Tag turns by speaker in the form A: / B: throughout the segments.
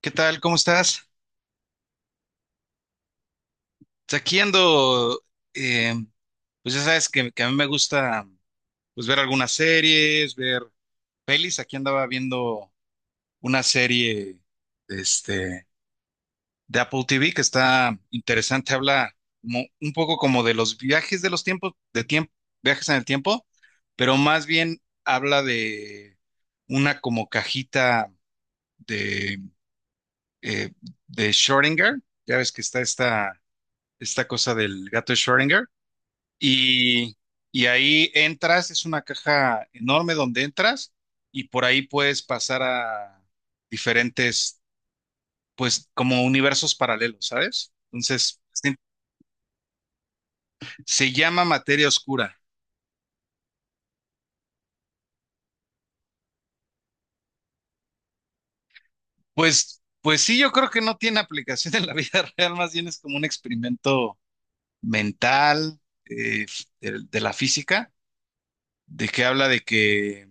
A: ¿Qué tal? ¿Cómo estás? Pues aquí ando, eh, pues ya sabes que a mí me gusta pues ver algunas series, ver pelis. Aquí andaba viendo una serie este, de Apple TV que está interesante. Habla un poco como de los viajes de los tiempos, viajes en el tiempo, pero más bien habla de una como cajita de, eh, de Schrödinger. Ya ves que está esta cosa del gato de Schrödinger. Y, y ahí entras, es una caja enorme donde entras y por ahí puedes pasar a diferentes, pues como universos paralelos, ¿sabes? Entonces, se llama materia oscura. Pues, pues sí, yo creo que no tiene aplicación en la vida real, más bien es como un experimento mental, eh, de la física, de que habla de que,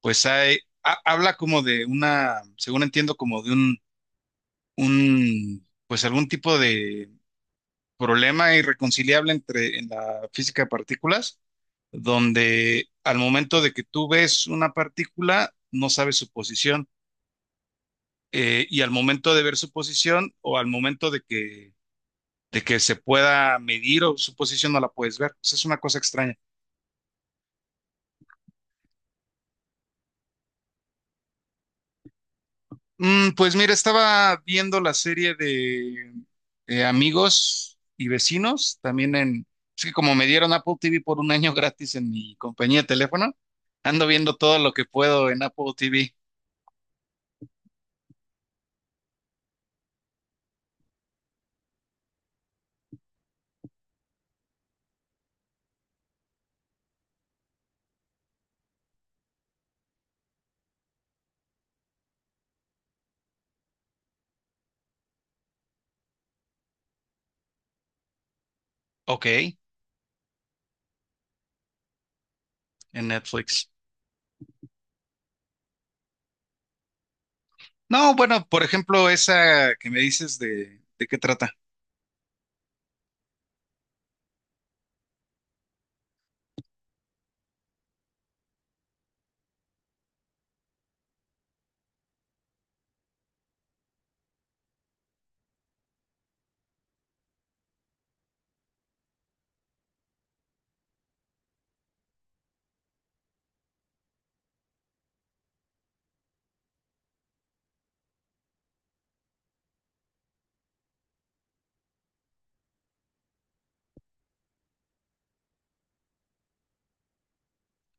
A: pues hay, habla como de una, según entiendo, como de un pues algún tipo de problema irreconciliable entre en la física de partículas, donde al momento de que tú ves una partícula, no sabes su posición, y al momento de ver su posición o al momento de que se pueda medir o su posición, no la puedes ver. Pues es una cosa extraña. Mm, pues mira, estaba viendo la serie de Amigos y Vecinos, también en... Es que como me dieron Apple TV por un año gratis en mi compañía de teléfono, ando viendo todo lo que puedo en Apple TV. Ok, en Netflix. No, bueno, por ejemplo, esa que me dices ¿de qué trata?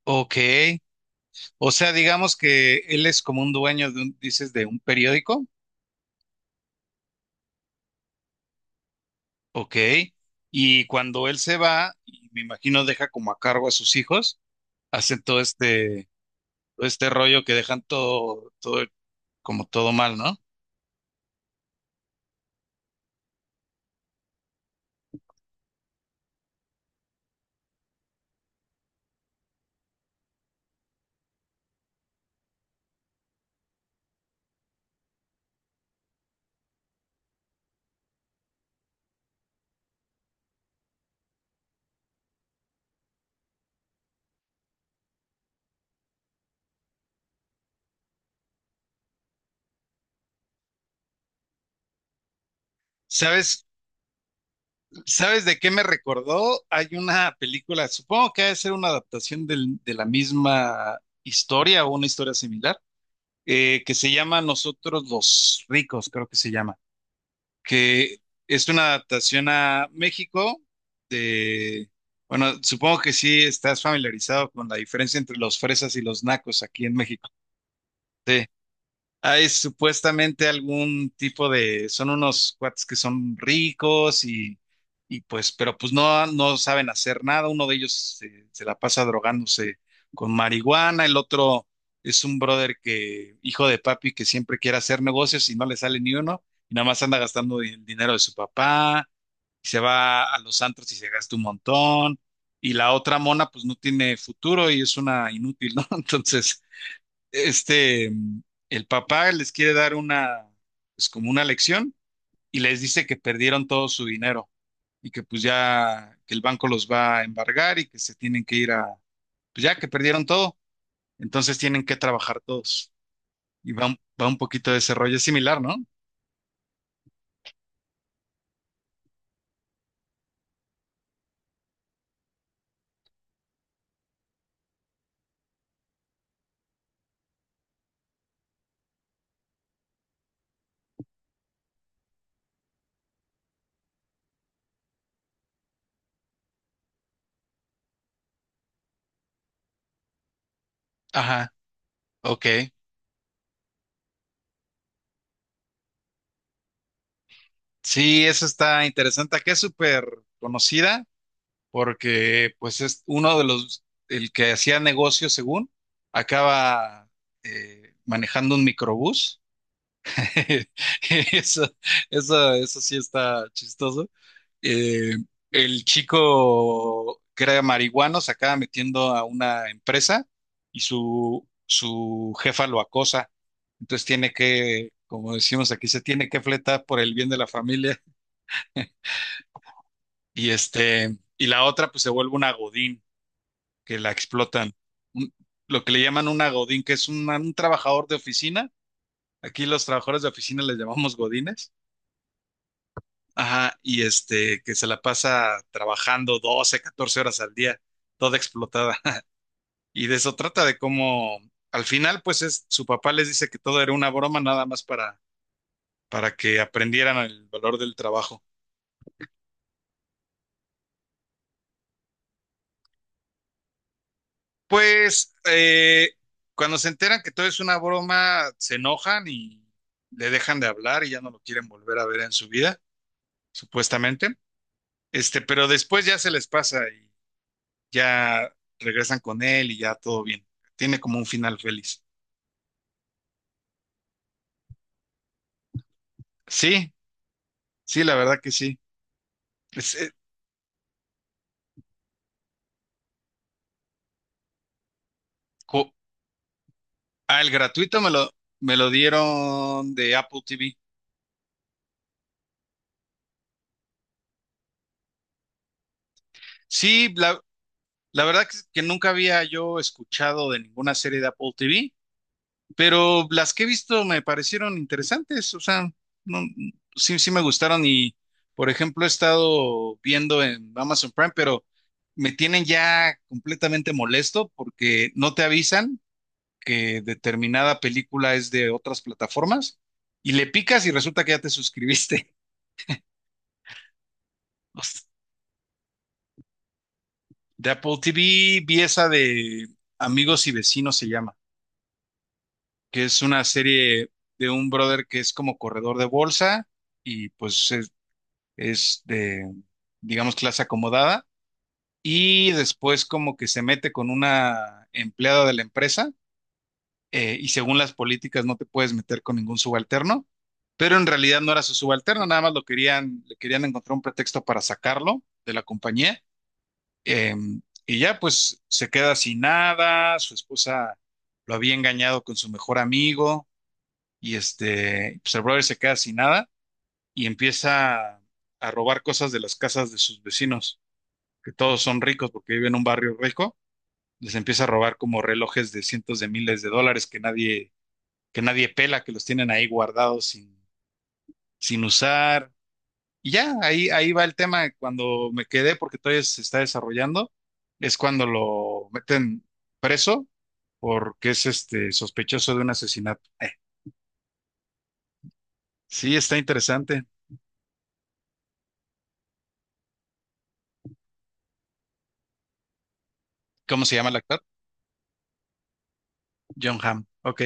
A: Ok, o sea, digamos que él es como un dueño de un, dices, de un periódico. Ok, y cuando él se va, y me imagino deja como a cargo a sus hijos, hacen todo este rollo que dejan todo, todo, como todo mal, ¿no? ¿Sabes, sabes de qué me recordó? Hay una película, supongo que ha de ser una adaptación de la misma historia o una historia similar, que se llama Nosotros los Ricos, creo que se llama, que es una adaptación a México de, bueno, supongo que sí estás familiarizado con la diferencia entre los fresas y los nacos aquí en México. Sí. Hay supuestamente algún tipo de, son unos cuates que son ricos y pues, pero pues no, no saben hacer nada. Uno de ellos se la pasa drogándose con marihuana, el otro es un brother que, hijo de papi, que siempre quiere hacer negocios y no le sale ni uno, y nada más anda gastando el dinero de su papá, y se va a los antros y se gasta un montón, y la otra mona pues no tiene futuro y es una inútil, ¿no? Entonces este, mm, el papá les quiere dar una, pues como una lección y les dice que perdieron todo su dinero y que pues ya, que el banco los va a embargar y que se tienen que ir a, pues ya que perdieron todo, entonces tienen que trabajar todos. Y va, va un poquito de ese rollo, es similar, ¿no? Ajá, ok. Sí, eso está interesante, que es súper conocida porque pues es uno de los, el que hacía negocio según, acaba manejando un microbús. Eso, eso sí está chistoso. Eh, el chico que era marihuano se acaba metiendo a una empresa y su jefa lo acosa. Entonces tiene que, como decimos aquí, se tiene que fletar por el bien de la familia. Y este, y la otra, pues se vuelve una godín, que la explotan. Un- lo que le llaman una godín, que es un trabajador de oficina. Aquí los trabajadores de oficina les llamamos godines. Ajá, y este, que se la pasa trabajando 12 14 horas al día, toda explotada. Y de eso trata de cómo, al final, pues es, su papá les dice que todo era una broma nada más para que aprendieran el valor del trabajo. Pues cuando se enteran que todo es una broma, se enojan y le dejan de hablar y ya no lo quieren volver a ver en su vida, supuestamente. Este, pero después ya se les pasa y ya regresan con él y ya todo bien. Tiene como un final feliz. Sí, sí, la verdad que sí. Es, co- ah, el gratuito me me lo dieron de Apple TV. Sí, la verdad que nunca había yo escuchado de ninguna serie de Apple TV, pero las que he visto me parecieron interesantes, o sea, no- sí, sí me gustaron y, por ejemplo, he estado viendo en Amazon Prime, pero me tienen ya completamente molesto porque no te avisan que determinada película es de otras plataformas y le picas y resulta que ya te suscribiste. O de Apple TV vi esa de Amigos y Vecinos se llama, que es una serie de un brother que es como corredor de bolsa y pues es de, digamos, clase acomodada y después como que se mete con una empleada de la empresa, y según las políticas no te puedes meter con ningún subalterno, pero en realidad no era su subalterno, nada más lo querían, le querían encontrar un pretexto para sacarlo de la compañía. eh, y ya pues se queda sin nada, su esposa lo había engañado con su mejor amigo y este, pues el brother se queda sin nada y empieza a robar cosas de las casas de sus vecinos, que todos son ricos porque viven en un barrio rico, les empieza a robar como relojes de cientos de miles de dólares que nadie pela, que los tienen ahí guardados sin, sin usar. Y ya, ahí, ahí va el tema. Cuando me quedé, porque todavía se está desarrollando, es cuando lo meten preso porque es este sospechoso de un asesinato. Sí, está interesante. ¿Cómo se llama el actor? John Hamm. Ok.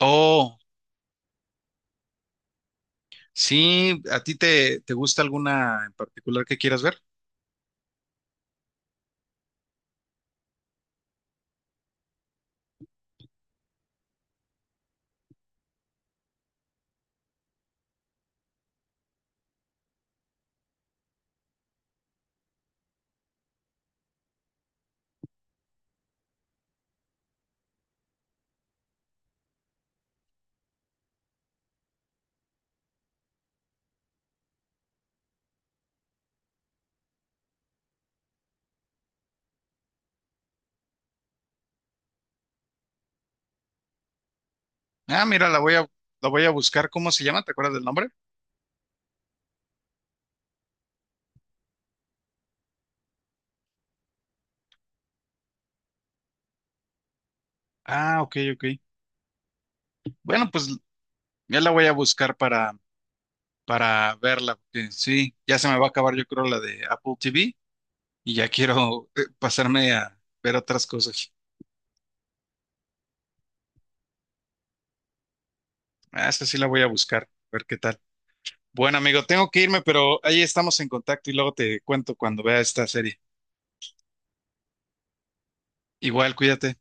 A: Oh, sí, ¿a ti te gusta alguna en particular que quieras ver? Ah, mira, la voy la voy a buscar. ¿Cómo se llama? ¿Te acuerdas del nombre? Ah, ok, ok. Bueno, pues ya la voy a buscar para verla, porque sí, ya se me va a acabar yo creo la de Apple TV y ya quiero pasarme a ver otras cosas. Ah, esa sí la voy a buscar, a ver qué tal. Bueno, amigo, tengo que irme, pero ahí estamos en contacto y luego te cuento cuando vea esta serie. Igual, cuídate.